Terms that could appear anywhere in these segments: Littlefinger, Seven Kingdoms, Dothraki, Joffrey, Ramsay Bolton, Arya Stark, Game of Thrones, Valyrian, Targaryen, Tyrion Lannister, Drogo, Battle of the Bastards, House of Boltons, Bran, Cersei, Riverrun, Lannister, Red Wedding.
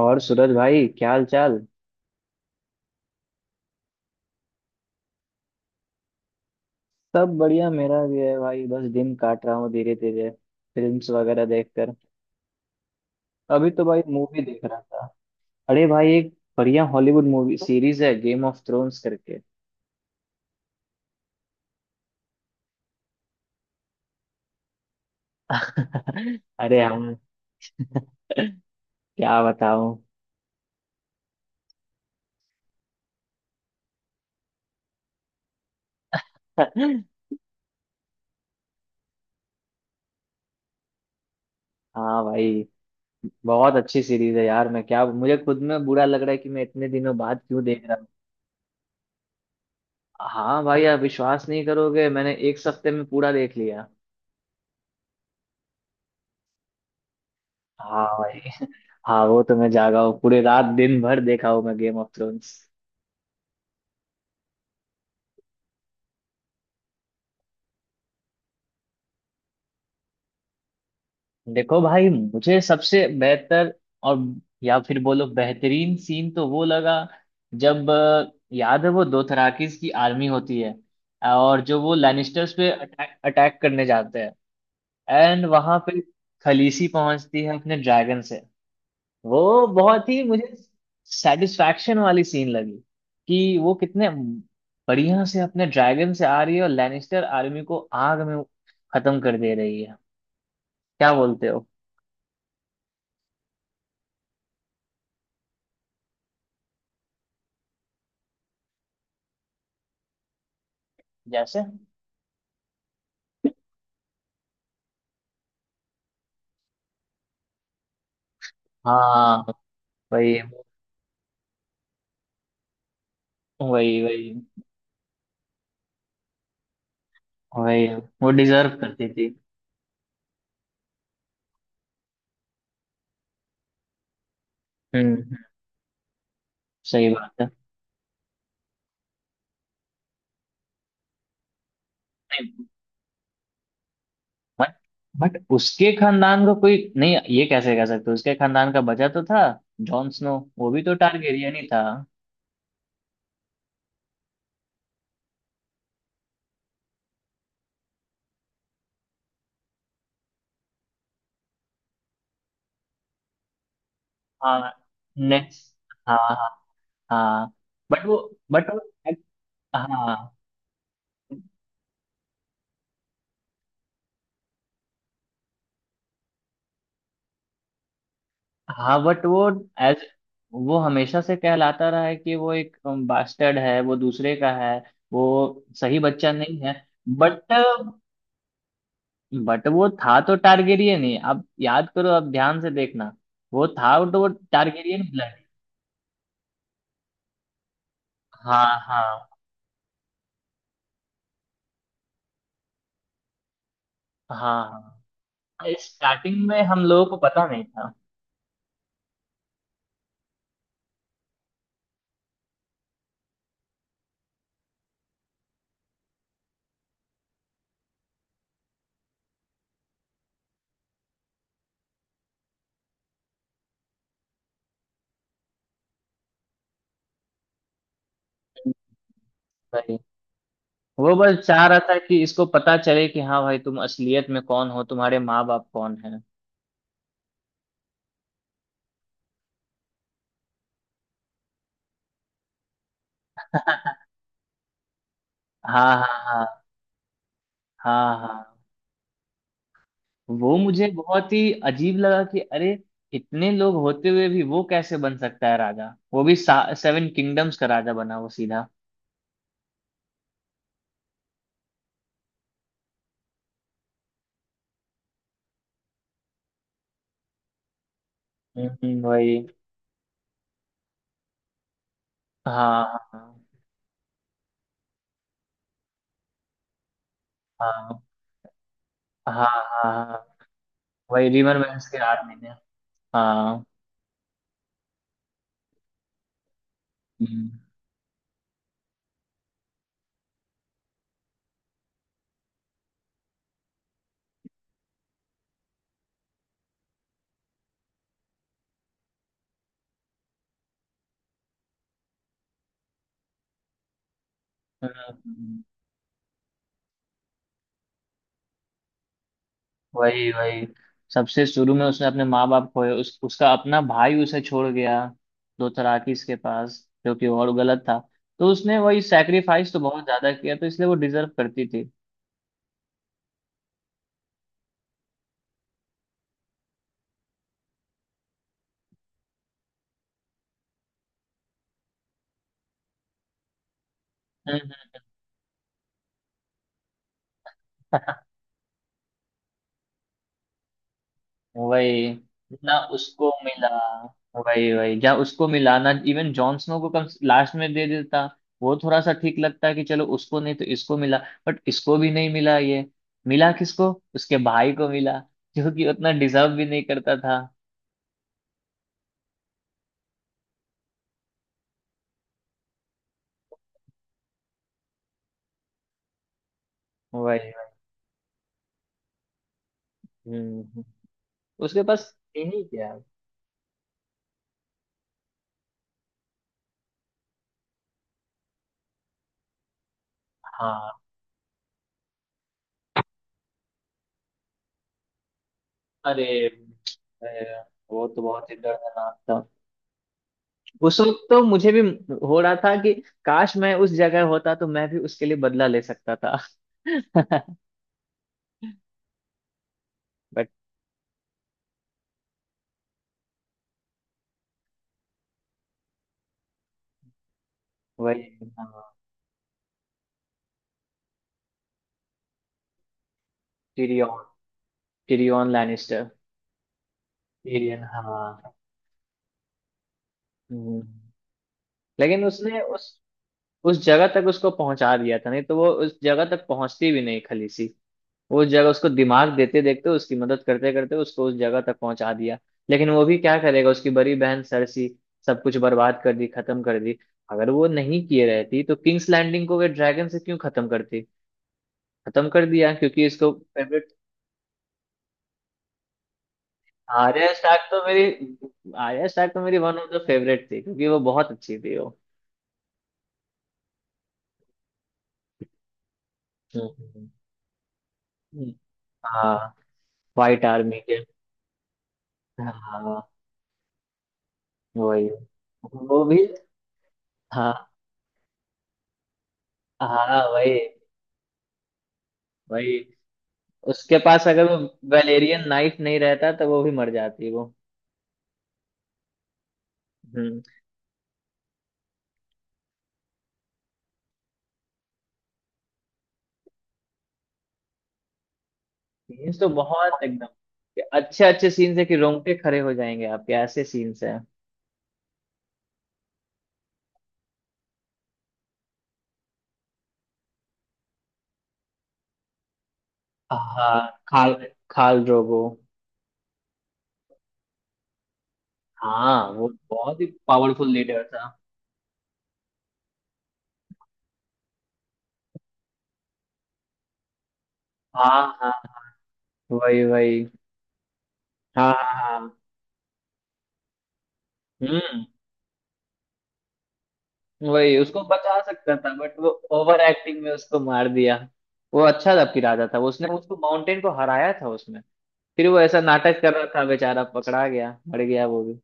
और सूरज भाई, क्या हाल चाल? सब बढ़िया मेरा भी है भाई। बस दिन काट रहा हूँ धीरे धीरे, फिल्म्स वगैरह देखकर। अभी तो भाई मूवी देख रहा था। अरे भाई, एक बढ़िया हॉलीवुड मूवी सीरीज है गेम ऑफ थ्रोन्स करके। अरे हम, क्या बताऊँ। हाँ भाई, बहुत अच्छी सीरीज है यार। मैं क्या, मुझे खुद में बुरा लग रहा है कि मैं इतने दिनों बाद क्यों देख रहा हूँ। हाँ भाई, आप विश्वास नहीं करोगे, मैंने एक हफ्ते में पूरा देख लिया। हाँ भाई। हाँ, वो तो मैं जागा हूँ, पूरे रात दिन भर देखा हूँ मैं गेम ऑफ थ्रोन्स। देखो भाई, मुझे सबसे बेहतर और या फिर बोलो बेहतरीन सीन तो वो लगा जब याद है वो दोथराकिस की आर्मी होती है और जो वो लैनिस्टर्स पे अटैक अटैक करने जाते हैं। एंड वहां पे खलीसी पहुंचती है अपने ड्रैगन से। वो बहुत ही मुझे सेटिस्फैक्शन वाली सीन लगी कि वो कितने बढ़िया से अपने ड्रैगन से आ रही है और लैनिस्टर आर्मी को आग में खत्म कर दे रही है। क्या बोलते हो? जैसे। हाँ, वही, वही, वही, वही। वो डिजर्व करती थी। हम्म। सही बात है। नहीं। बट बट उसके खानदान को कोई नहीं, ये कैसे कह सकते? उसके खानदान का बचा तो था। जॉन स्नो, वो भी तो टारगेरियन ही था। हाँ। नेक्स्ट। हाँ। हाँ। बट वो बट वो हाँ हाँ। बट वो एज वो हमेशा से कहलाता रहा है कि वो एक बास्टर्ड है, वो दूसरे का है। वो सही बच्चा नहीं है। बट बट वो था तो टारगेरियन ही। आप याद करो, आप ध्यान से देखना। वो था तो वो टारगेरियन ब्लड। हाँ, हाँ, हाँ, हाँ। स्टार्टिंग में हम लोगों को पता नहीं था। भाई, वो बस चाह रहा था कि इसको पता चले कि हाँ भाई, तुम असलियत में कौन हो, तुम्हारे माँ बाप कौन है। हाँ, हाँ, हाँ, हाँ, हाँ। वो मुझे बहुत ही अजीब लगा कि अरे, इतने लोग होते हुए भी वो कैसे बन सकता है राजा? वो भी सेवन किंगडम्स का राजा बना वो, सीधा। हम्म। वही। हाँ। हाँ। हाँ। हाँ। हाँ। हाँ, वही रिवर वैन्स के आर्मी ने। हाँ। हम्म। हम्म, हम्म। वही, वही। सबसे शुरू में उसने अपने माँ बाप खोए। उसका अपना भाई उसे छोड़ गया दोथराकिस के पास, जो कि और गलत था। तो उसने वही सैक्रिफाइस तो बहुत ज्यादा किया, तो इसलिए वो डिजर्व करती थी। हम्म। वही। ना उसको मिला। वही, वही। जहाँ उसको मिला, ना इवन जॉन स्नो को कम लास्ट में दे देता। वो थोड़ा सा ठीक लगता है कि चलो उसको नहीं तो इसको मिला। बट इसको भी नहीं मिला ये। मिला किसको? उसके भाई को मिला, जो कि उतना डिजर्व भी नहीं करता था। वही। हम्म। उसके पास यही क्या। हाँ। अरे, अ, वो तो बहुत ही दर्दनाक था। उस वक्त तो मुझे भी हो रहा था कि काश मैं उस जगह होता तो मैं भी उसके लिए बदला ले सकता था। बट। वही। हाँ। टिरियन। Tyrion Lannister. टिरियन, हाँ। हम्म। लेकिन उसने उस जगह तक उसको पहुंचा दिया था, नहीं तो वो उस जगह तक पहुंचती भी नहीं, खलीसी। उस जगह उसको दिमाग देते देखते, उसकी मदद करते करते उसको उस जगह तक पहुंचा दिया। लेकिन वो भी क्या करेगा, उसकी बड़ी बहन सरसी सब कुछ बर्बाद कर दी, खत्म कर दी। अगर वो नहीं किए रहती तो किंग्स लैंडिंग को वे ड्रैगन से क्यों खत्म करती? खत्म कर दिया क्योंकि इसको फेवरेट। आर्या स्टार्क तो मेरी आर्या स्टार्क तो मेरी वन ऑफ द फेवरेट थी क्योंकि वो बहुत अच्छी थी वो। हम्म। हम्म। हम्म। हाँ, व्हाइट आर्मी के। हाँ। वही। वो भी। हाँ। हाँ, वही, वही। उसके पास अगर वो वेलेरियन नाइफ नहीं रहता तो वो भी मर जाती वो। हम्म। सीन्स तो बहुत एकदम कि अच्छे अच्छे सीन्स है कि रोंगटे खड़े हो जाएंगे आपके, ऐसे सीन्स हैं। हाँ, खाल खाल ड्रोगो। हाँ, वो बहुत ही पावरफुल लीडर था। हाँ, हाँ। वही, वही। हाँ, हाँ, हाँ। हम्म। वही उसको बचा सकता था बट वो ओवर एक्टिंग में उसको मार दिया। वो अच्छा था कि राजा था, उसने उसको माउंटेन को हराया था उसमें। फिर वो ऐसा नाटक कर रहा था, बेचारा पकड़ा गया, मर गया वो भी।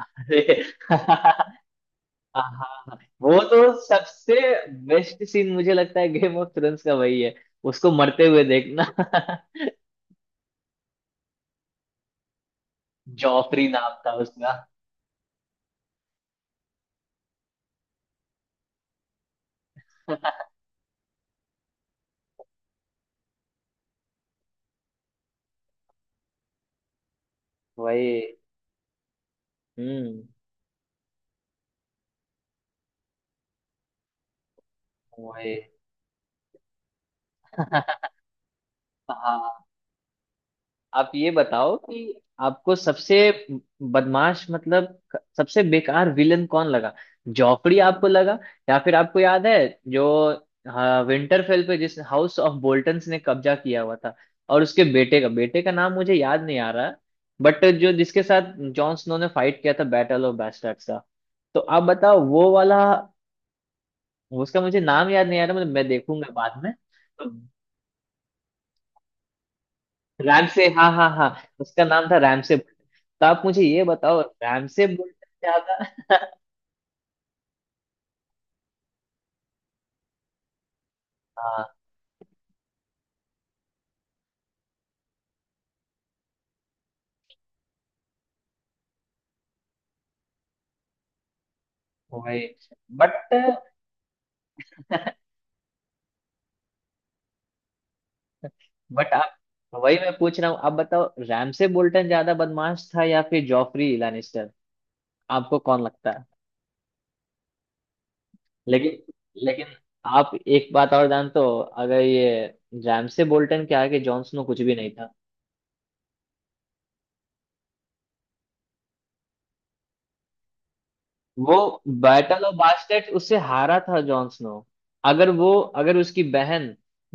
अरे, हाँ। वो तो सबसे बेस्ट सीन मुझे लगता है गेम ऑफ थ्रोन्स का वही है। उसको मरते हुए देखना। जॉफरी नाम था उसका। वही। हम्म। वही। हाँ। आप ये बताओ कि आपको सबसे बदमाश, मतलब सबसे बेकार विलन कौन लगा? जॉफरी आपको लगा, या फिर आपको याद है जो, हाँ, विंटरफेल पे जिस हाउस ऑफ बोल्टन्स ने कब्जा किया हुआ था, और उसके बेटे का नाम मुझे याद नहीं आ रहा। बट जो, जिसके साथ जॉन स्नो ने फाइट किया था बैटल ऑफ बास्टर्ड्स का, तो आप बताओ वो वाला। उसका मुझे नाम याद नहीं आ रहा, मतलब मैं देखूंगा बाद में। रैमसे, हाँ, हाँ, हाँ। उसका नाम था रैमसे बोल्ट। तो आप मुझे ये बताओ रैमसे बोल्ट से ज्यादा। हाँ। वही। बट बट आप। वही मैं पूछ रहा हूँ। आप बताओ, रैमसे बोल्टन ज्यादा बदमाश था या फिर जॉफरी लानिस्टर? आपको कौन लगता है? लेकिन लेकिन आप एक बात और जानते हो? अगर ये रैमसे बोल्टन के आगे जॉन स्नो कुछ भी नहीं था। वो बैटल ऑफ बास्टेट उससे हारा था जॉन स्नो। अगर वो अगर उसकी बहन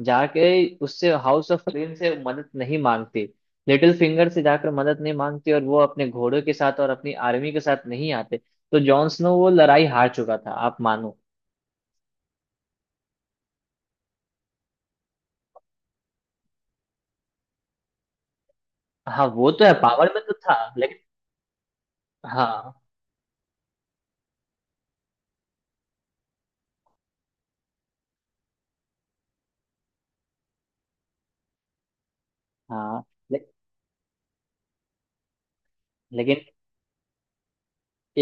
जाके उससे हाउस ऑफ फ्लेम से मदद नहीं मांगती, लिटिल फिंगर से जाकर मदद नहीं मांगती और वो अपने घोड़े के साथ और अपनी आर्मी के साथ नहीं आते, तो जॉन स्नो वो लड़ाई हार चुका था, आप मानो। हाँ, वो तो है, पावर में तो था लेकिन। हाँ, हाँ। ले, लेकिन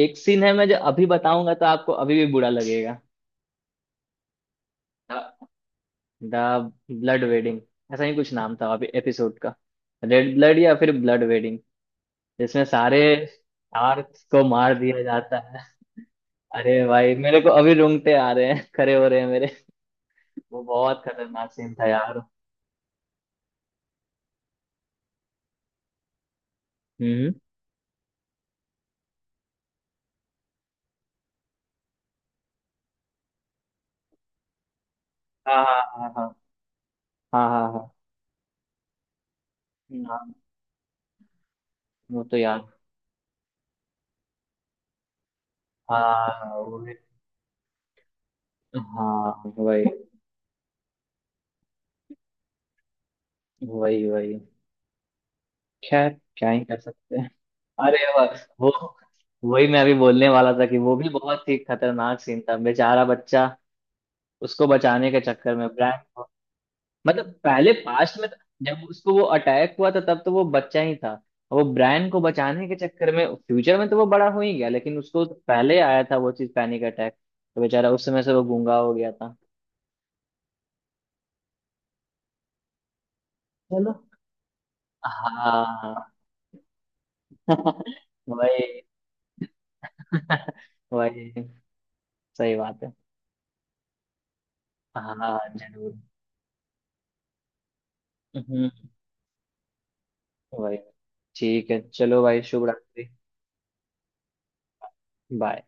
एक सीन है, मैं जो अभी बताऊंगा तो आपको अभी भी बुरा लगेगा। द ब्लड वेडिंग, ऐसा ही कुछ नाम था एपिसोड का। रेड ब्लड या फिर ब्लड वेडिंग, जिसमें सारे शार्क्स को मार दिया जाता है। अरे भाई, मेरे को अभी रोंगटे आ रहे हैं, खड़े हो रहे हैं मेरे। वो बहुत खतरनाक सीन था यार। हम्म। हाँ, हाँ, हाँ। हाँ, हाँ, हाँ। हाँ, वो तो यार। हाँ, वही। हाँ, वही, वही, वही। खैर, क्या ही कर सकते हैं। अरे वाह, वो वही मैं अभी बोलने वाला था कि वो भी बहुत ही खतरनाक सीन था। बेचारा बच्चा, उसको बचाने के चक्कर में ब्रैंड को। मतलब पहले पास्ट में जब उसको वो अटैक हुआ था तब तो वो बच्चा ही था। वो ब्रैंड को बचाने के चक्कर में फ्यूचर में तो वो बड़ा हो ही गया, लेकिन उसको तो पहले आया था वो चीज, पैनिक अटैक। तो बेचारा उस समय से वो गूंगा हो गया था। चलो। हाँ। वही। वही। सही बात है। हाँ, जरूर। हम्म, वही। ठीक है, चलो भाई, शुभ रात्रि। बाय।